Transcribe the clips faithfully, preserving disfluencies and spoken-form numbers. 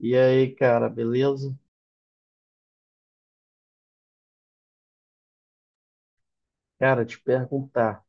E aí, cara, beleza? Cara, te perguntar.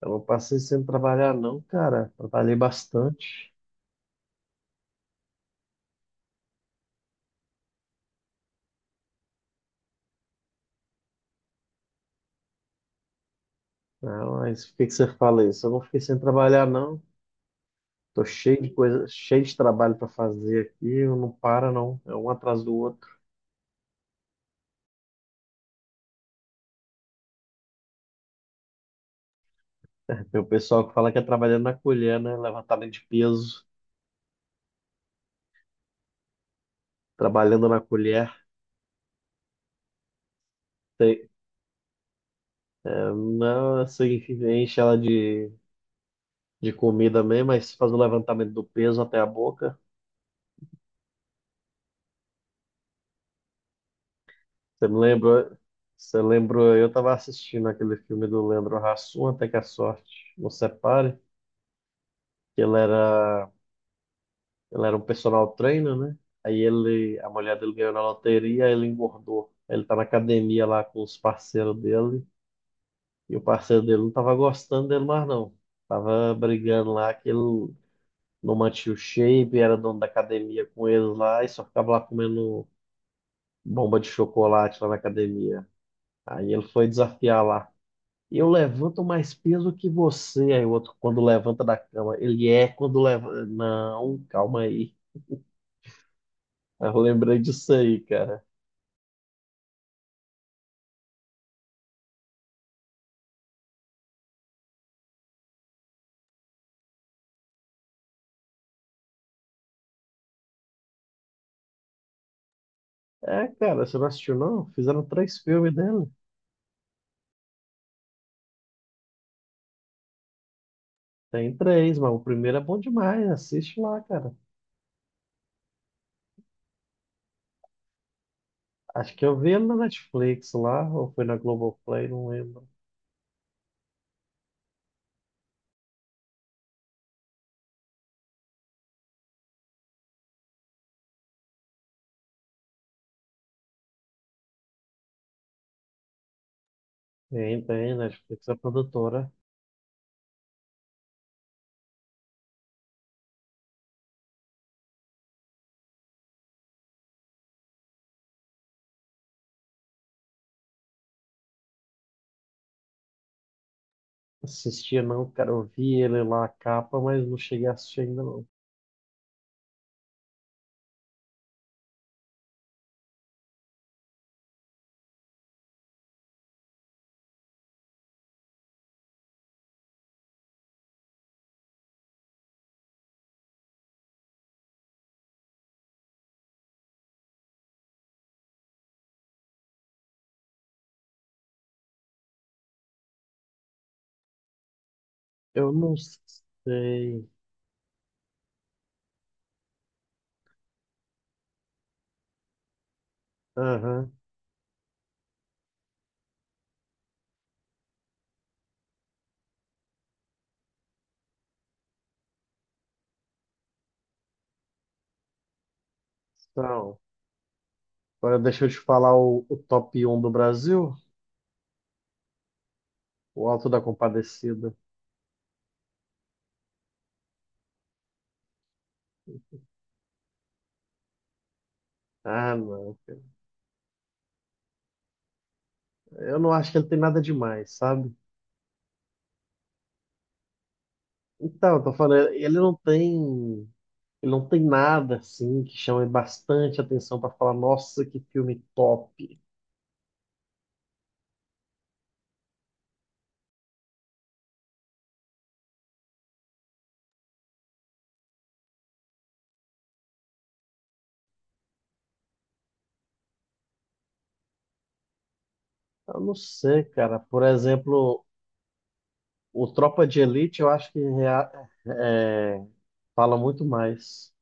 Eu não passei sem trabalhar, não, cara. Trabalhei bastante. Né? Mas o que que você fala isso? Eu não fiquei sem trabalhar, não. Tô cheio de coisa, cheio de trabalho para fazer aqui. Eu não para, não. É um atrás do outro. Tem o pessoal que fala que é trabalhando na colher, né? Levantamento de peso, trabalhando na colher. Tem- É, não, assim, enche ela de, de comida mesmo, mas faz o levantamento do peso até a boca. Você me lembrou, você lembrou, eu estava assistindo aquele filme do Leandro Hassum, Até que a Sorte Nos Separe, que ele era, ele era um personal trainer, né? Aí ele, a mulher dele ganhou na loteria, ele engordou. Ele tá na academia lá com os parceiros dele, e o parceiro dele não tava gostando dele mais não. Tava brigando lá que ele não mantinha o shape, era dono da academia com eles lá, e só ficava lá comendo bomba de chocolate lá na academia. Aí ele foi desafiar lá. Eu levanto mais peso que você. Aí o outro, quando levanta da cama, ele é quando leva. Não, calma aí. Eu lembrei disso aí, cara. É, cara, você não assistiu, não? Fizeram três filmes dele. Tem três, mas o primeiro é bom demais. Assiste lá, cara. Acho que eu vi ele na Netflix lá, ou foi na Globoplay, não lembro. Tem, tem, Netflix é produtora. Assistia não, cara. Eu vi ele lá, a capa, mas não cheguei a assistir ainda, não. Eu não sei. Aham. Então. Agora deixa eu te falar o, o top um do Brasil, o Alto da Compadecida. Ah, não, cara. Eu não acho que ele tem nada demais, sabe? Então, eu tô falando, ele não tem, ele não tem nada assim que chame bastante atenção pra falar, nossa, que filme top. Eu não sei, cara. Por exemplo, o Tropa de Elite, eu acho que rea- é, fala muito mais.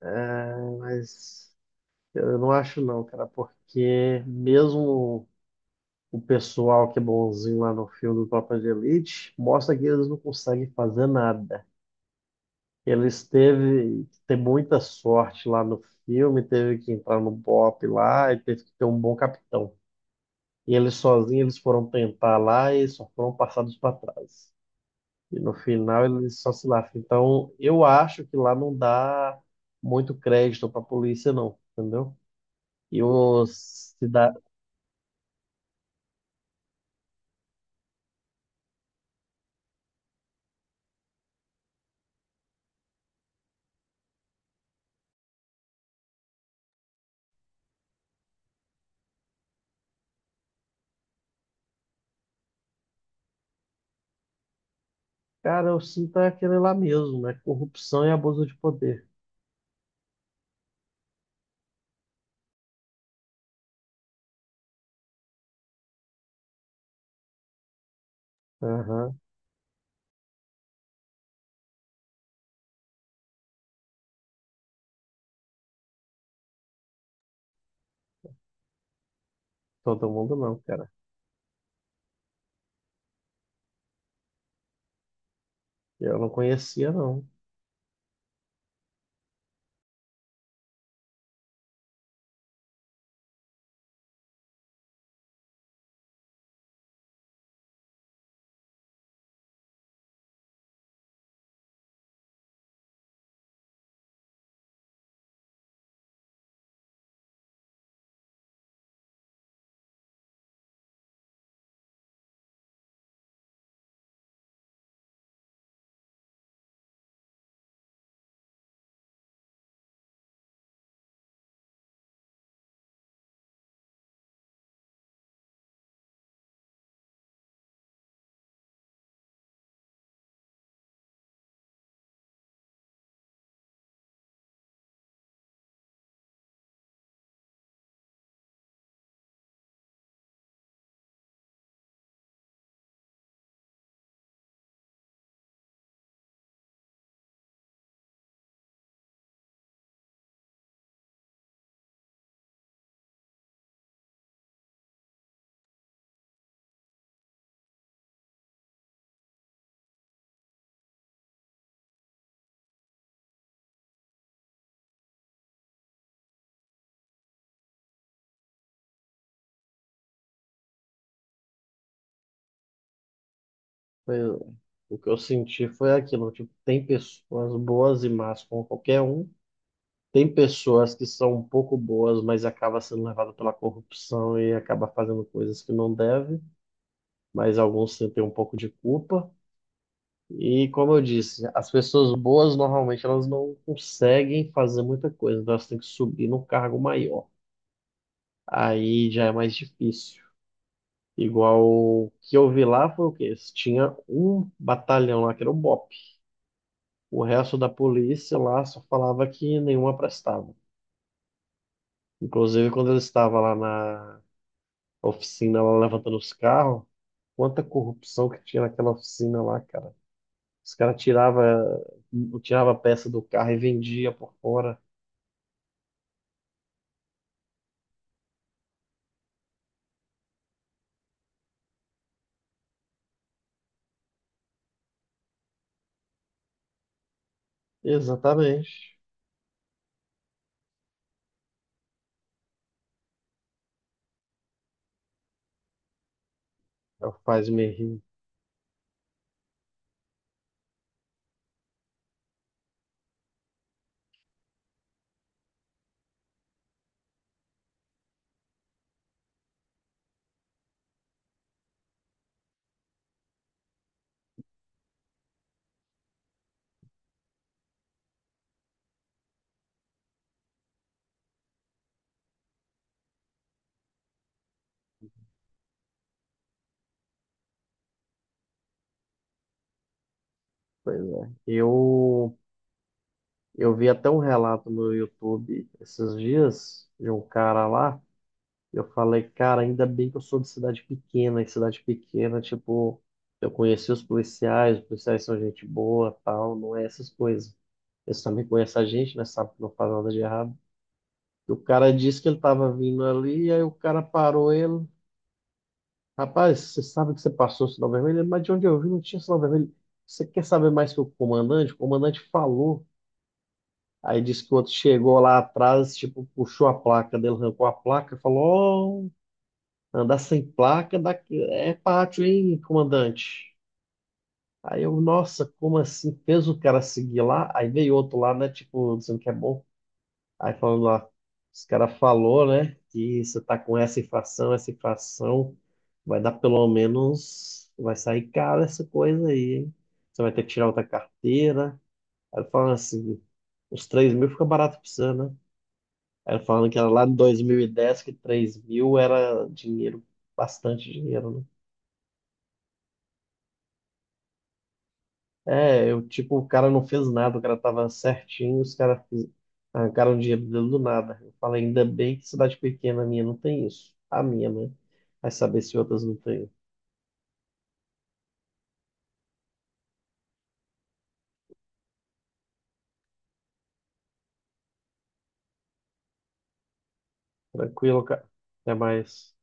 É, mas eu não acho não, cara, porque mesmo o pessoal que é bonzinho lá no filme do Tropa de Elite mostra que eles não conseguem fazer nada. Eles teve que ter muita sorte lá no filme, teve que entrar no B O P lá e teve que ter um bom capitão. E eles sozinhos eles foram tentar lá e só foram passados para trás. E no final eles só se lascam. Então eu acho que lá não dá muito crédito para a polícia não, entendeu? E os cidadãos, cara, eu sinto é aquele lá mesmo, né? Corrupção e abuso de poder. Aham. Todo mundo não, cara. Eu não conhecia, não. Foi- o que eu senti foi aquilo, tipo, tem pessoas boas e más como qualquer um. Tem pessoas que são um pouco boas, mas acaba sendo levado pela corrupção e acaba fazendo coisas que não deve, mas alguns sentem um pouco de culpa. E como eu disse, as pessoas boas normalmente elas não conseguem fazer muita coisa, então elas têm que subir num cargo maior. Aí já é mais difícil. Igual o que eu vi lá foi o quê? Tinha um batalhão lá que era o B O P. O resto da polícia lá só falava que nenhuma prestava. Inclusive, quando eles estavam lá na oficina, lá levantando os carros, quanta corrupção que tinha naquela oficina lá, cara. Os caras tiravam tirava, tirava a peça do carro e vendia por fora. Exatamente. É o que faz me rir. Pois é. Eu, eu vi até um relato no YouTube esses dias de um cara lá. Eu falei, cara, ainda bem que eu sou de cidade pequena, e cidade pequena, tipo, eu conheci os policiais, os policiais são gente boa, tal, não é essas coisas. Eles também conhecem a gente, né? Sabe que não faz nada de errado. E o cara disse que ele tava vindo ali, aí o cara parou ele. Rapaz, você sabe que você passou o sinal vermelho? Ele: mas de onde eu vi não tinha sinal vermelho. Você quer saber mais que o comandante? O comandante falou. Aí disse que o outro chegou lá atrás, tipo, puxou a placa dele, arrancou a placa, falou: andar sem placa da- é pátio, hein, comandante? Aí eu, nossa, como assim? Fez o cara seguir lá, aí veio outro lá, né? Tipo, dizendo que é bom. Aí falando lá, os cara falou, né? Que você tá com essa infração, essa infração, vai dar pelo menos, vai sair caro essa coisa aí, hein? Você vai ter que tirar outra carteira. Aí falando assim, uns três mil fica barato pra você, né? Aí falando que era lá em dois mil e dez que três mil era dinheiro, bastante dinheiro, né? É, eu, tipo, o cara não fez nada, o cara tava certinho, os caras fiz- arrancaram dinheiro dele do nada. Eu falei, ainda bem que cidade pequena minha não tem isso. A minha, né? Vai saber se outras não tem. Tranquilo, cara. Até mais.